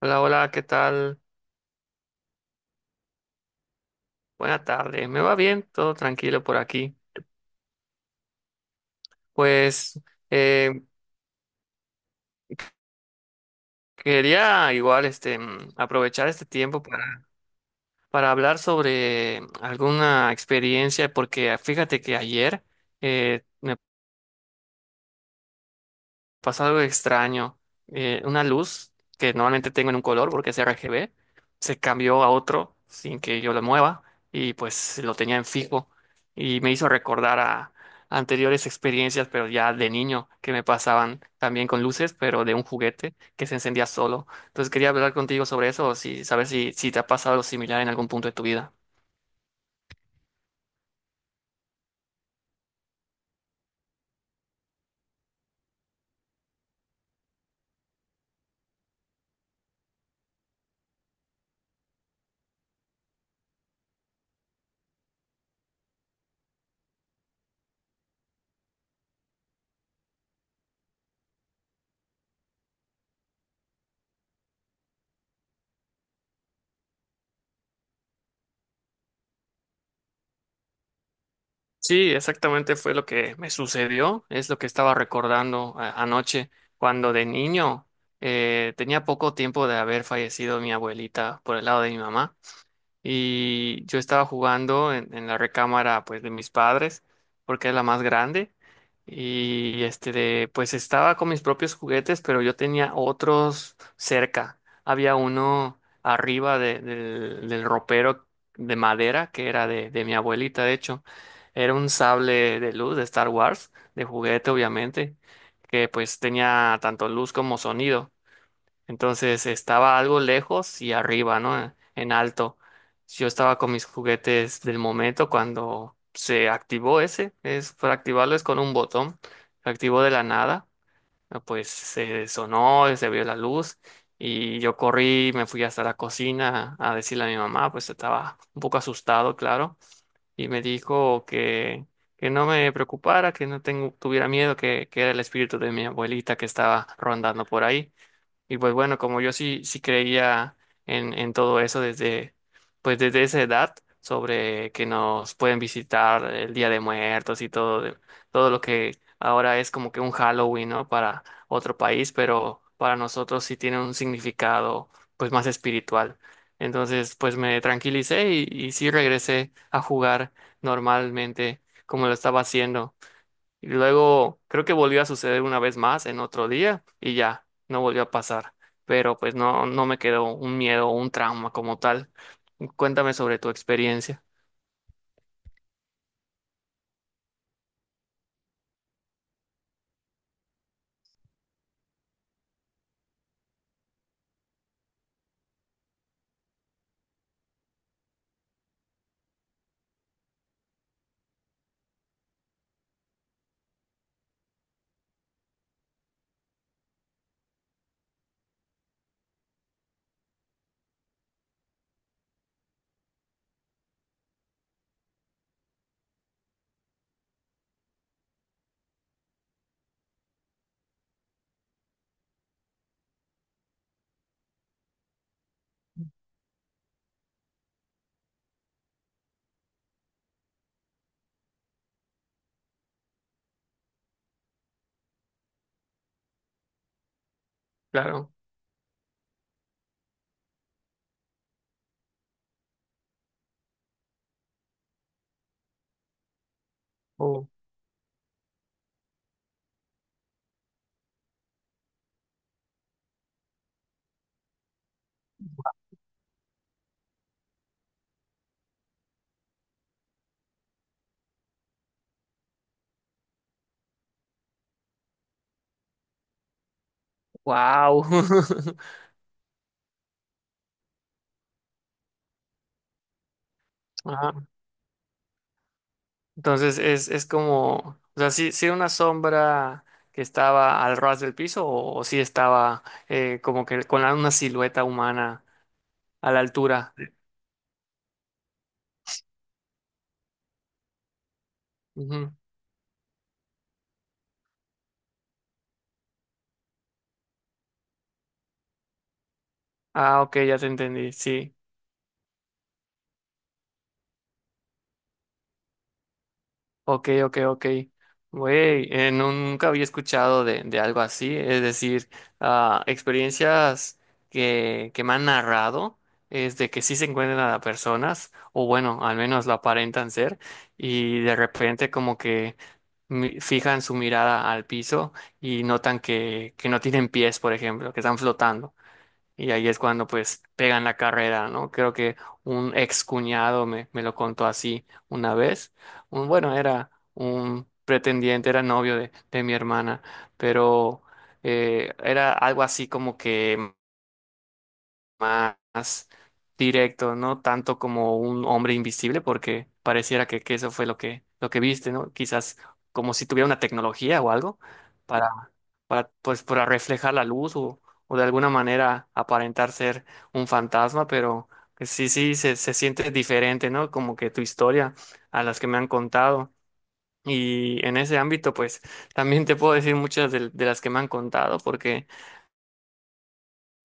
Hola, hola, ¿qué tal? Buena tarde. ¿Me va bien? Todo tranquilo por aquí. Pues eh, quería igual aprovechar este tiempo para hablar sobre alguna experiencia, porque fíjate que ayer eh, pasa algo extraño. Una luz que normalmente tengo en un color porque es RGB, se cambió a otro sin que yo lo mueva y pues lo tenía en fijo y me hizo recordar a anteriores experiencias, pero ya de niño, que me pasaban también con luces, pero de un juguete que se encendía solo. Entonces quería hablar contigo sobre eso, o si saber si te ha pasado algo similar en algún punto de tu vida. Sí, exactamente fue lo que me sucedió, es lo que estaba recordando anoche, cuando de niño tenía poco tiempo de haber fallecido mi abuelita por el lado de mi mamá y yo estaba jugando en la recámara pues de mis padres porque es la más grande y pues estaba con mis propios juguetes pero yo tenía otros cerca, había uno arriba del ropero de madera que era de mi abuelita, de hecho era un sable de luz de Star Wars, de juguete obviamente, que pues tenía tanto luz como sonido. Entonces estaba algo lejos y arriba, ¿no? En alto. Yo estaba con mis juguetes del momento cuando se activó ese. Es, para activarlo es con un botón. Se activó de la nada. Pues se sonó, se vio la luz. Y yo corrí, me fui hasta la cocina a decirle a mi mamá, pues estaba un poco asustado, claro. Y me dijo que no me preocupara, que no tengo, tuviera miedo, que era el espíritu de mi abuelita que estaba rondando por ahí. Y pues bueno, como yo sí creía en todo eso pues desde esa edad, sobre que nos pueden visitar el Día de Muertos y todo, todo lo que ahora es como que un Halloween, ¿no? Para otro país, pero para nosotros sí tiene un significado pues más espiritual. Entonces, pues me tranquilicé y sí regresé a jugar normalmente como lo estaba haciendo. Y luego creo que volvió a suceder una vez más en otro día y ya, no volvió a pasar. Pero pues no, no me quedó un miedo o un trauma como tal. Cuéntame sobre tu experiencia. Claro. Oh, wow. Ajá. Entonces es como, o sea, si una sombra que estaba al ras del piso o, si estaba como que con una silueta humana a la altura. Ujú. Ah, ok, ya te entendí, sí. Ok, ok, ok. Güey, nunca había escuchado de algo así. Es decir, ah, experiencias que me han narrado, es de que sí se encuentran a personas, o bueno, al menos lo aparentan ser, y de repente como que fijan su mirada al piso y notan que no tienen pies, por ejemplo, que están flotando. Y ahí es cuando pues pegan la carrera, ¿no? Creo que un ex cuñado me lo contó así una vez. Un, bueno, era un pretendiente, era novio de mi hermana, pero era algo así como que más directo, no tanto como un hombre invisible, porque pareciera que eso fue lo que viste, ¿no? Quizás como si tuviera una tecnología o algo para, pues, para reflejar la luz o de alguna manera aparentar ser un fantasma, pero que se siente diferente, ¿no? Como que tu historia a las que me han contado. Y en ese ámbito, pues también te puedo decir muchas de las que me han contado, porque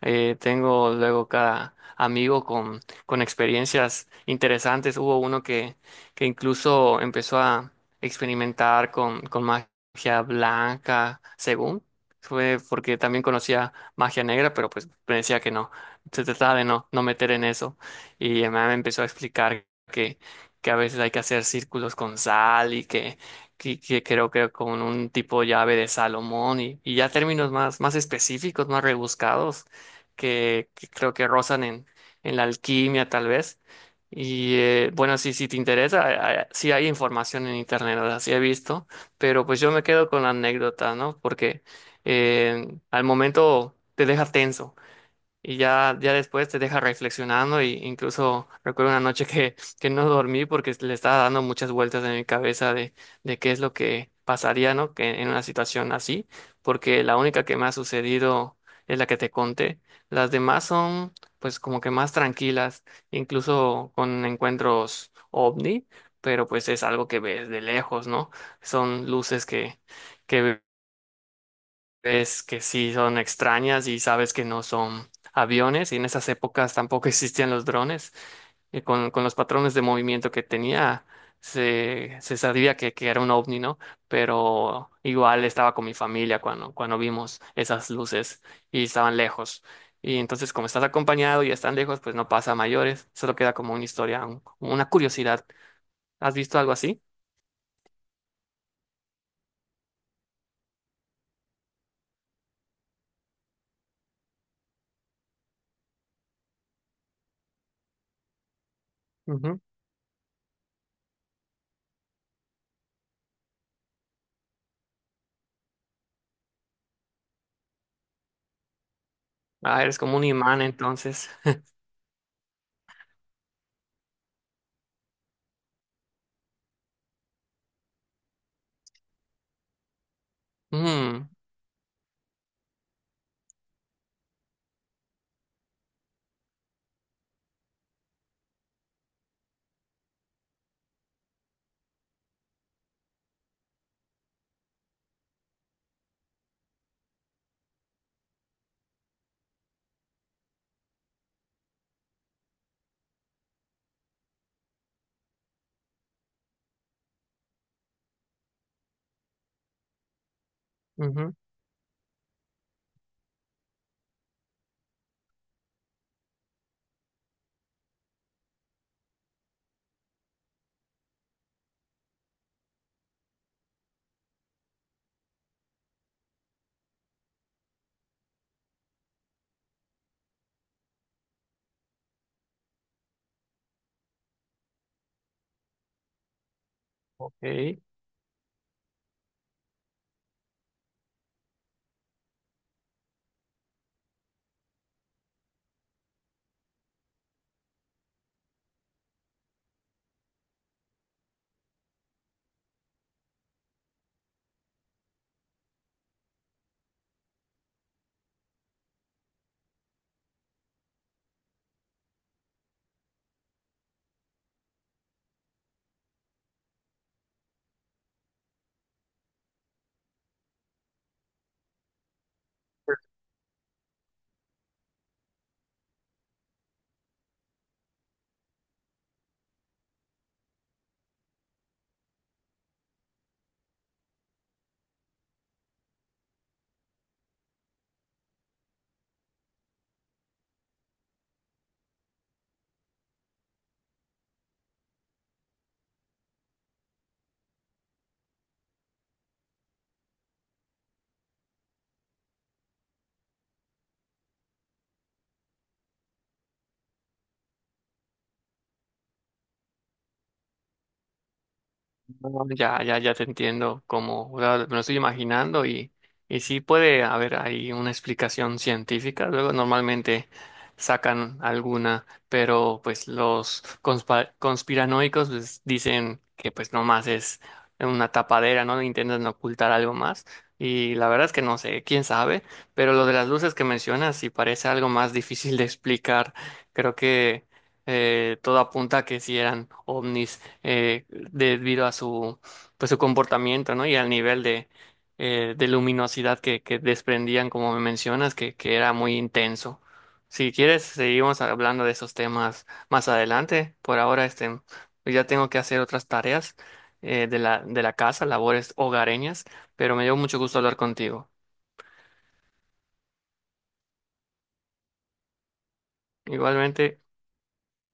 tengo luego cada amigo con experiencias interesantes. Hubo uno que incluso empezó a experimentar con magia blanca, según. Fue porque también conocía magia negra, pero pues me decía que no. Se trataba de no, no meter en eso. Y mi mamá me empezó a explicar que, que a veces hay que hacer círculos con sal y que creo que con un tipo llave de Salomón y ya términos más específicos, más rebuscados que creo que rozan en la alquimia tal vez. Y bueno, sí, si te interesa, sí hay información en internet, o sea, sí he visto, pero pues yo me quedo con la anécdota, ¿no? Porque al momento te deja tenso y ya, ya después te deja reflexionando y incluso recuerdo una noche que no dormí porque le estaba dando muchas vueltas en mi cabeza de qué es lo que pasaría, ¿no? Que en una situación así, porque la única que me ha sucedido es la que te conté. Las demás son pues como que más tranquilas, incluso con encuentros ovni, pero pues es algo que ves de lejos, ¿no? Son luces que es que sí son extrañas y sabes que no son aviones y en esas épocas tampoco existían los drones. Y con los patrones de movimiento que tenía, se sabía que era un ovni, ¿no? Pero igual estaba con mi familia cuando vimos esas luces y estaban lejos. Y entonces, como estás acompañado y están lejos, pues no pasa a mayores, solo queda como una historia, una curiosidad. ¿Has visto algo así? Ujú. Ah, eres como un imán entonces. Mm, ujú, ok. No, ya, ya, ya te entiendo, como me lo estoy imaginando y sí puede haber ahí una explicación científica, luego normalmente sacan alguna, pero pues los conspiranoicos pues, dicen que pues nomás es una tapadera, ¿no? Intentan ocultar algo más y la verdad es que no sé, quién sabe, pero lo de las luces que mencionas sí parece algo más difícil de explicar, creo que todo apunta a que sí eran ovnis, debido a su, pues, su comportamiento, ¿no? Y al nivel de luminosidad que desprendían, como me mencionas, que era muy intenso. Si quieres, seguimos hablando de esos temas más adelante. Por ahora, pues, ya tengo que hacer otras tareas, de la casa, labores hogareñas, pero me dio mucho gusto hablar contigo. Igualmente.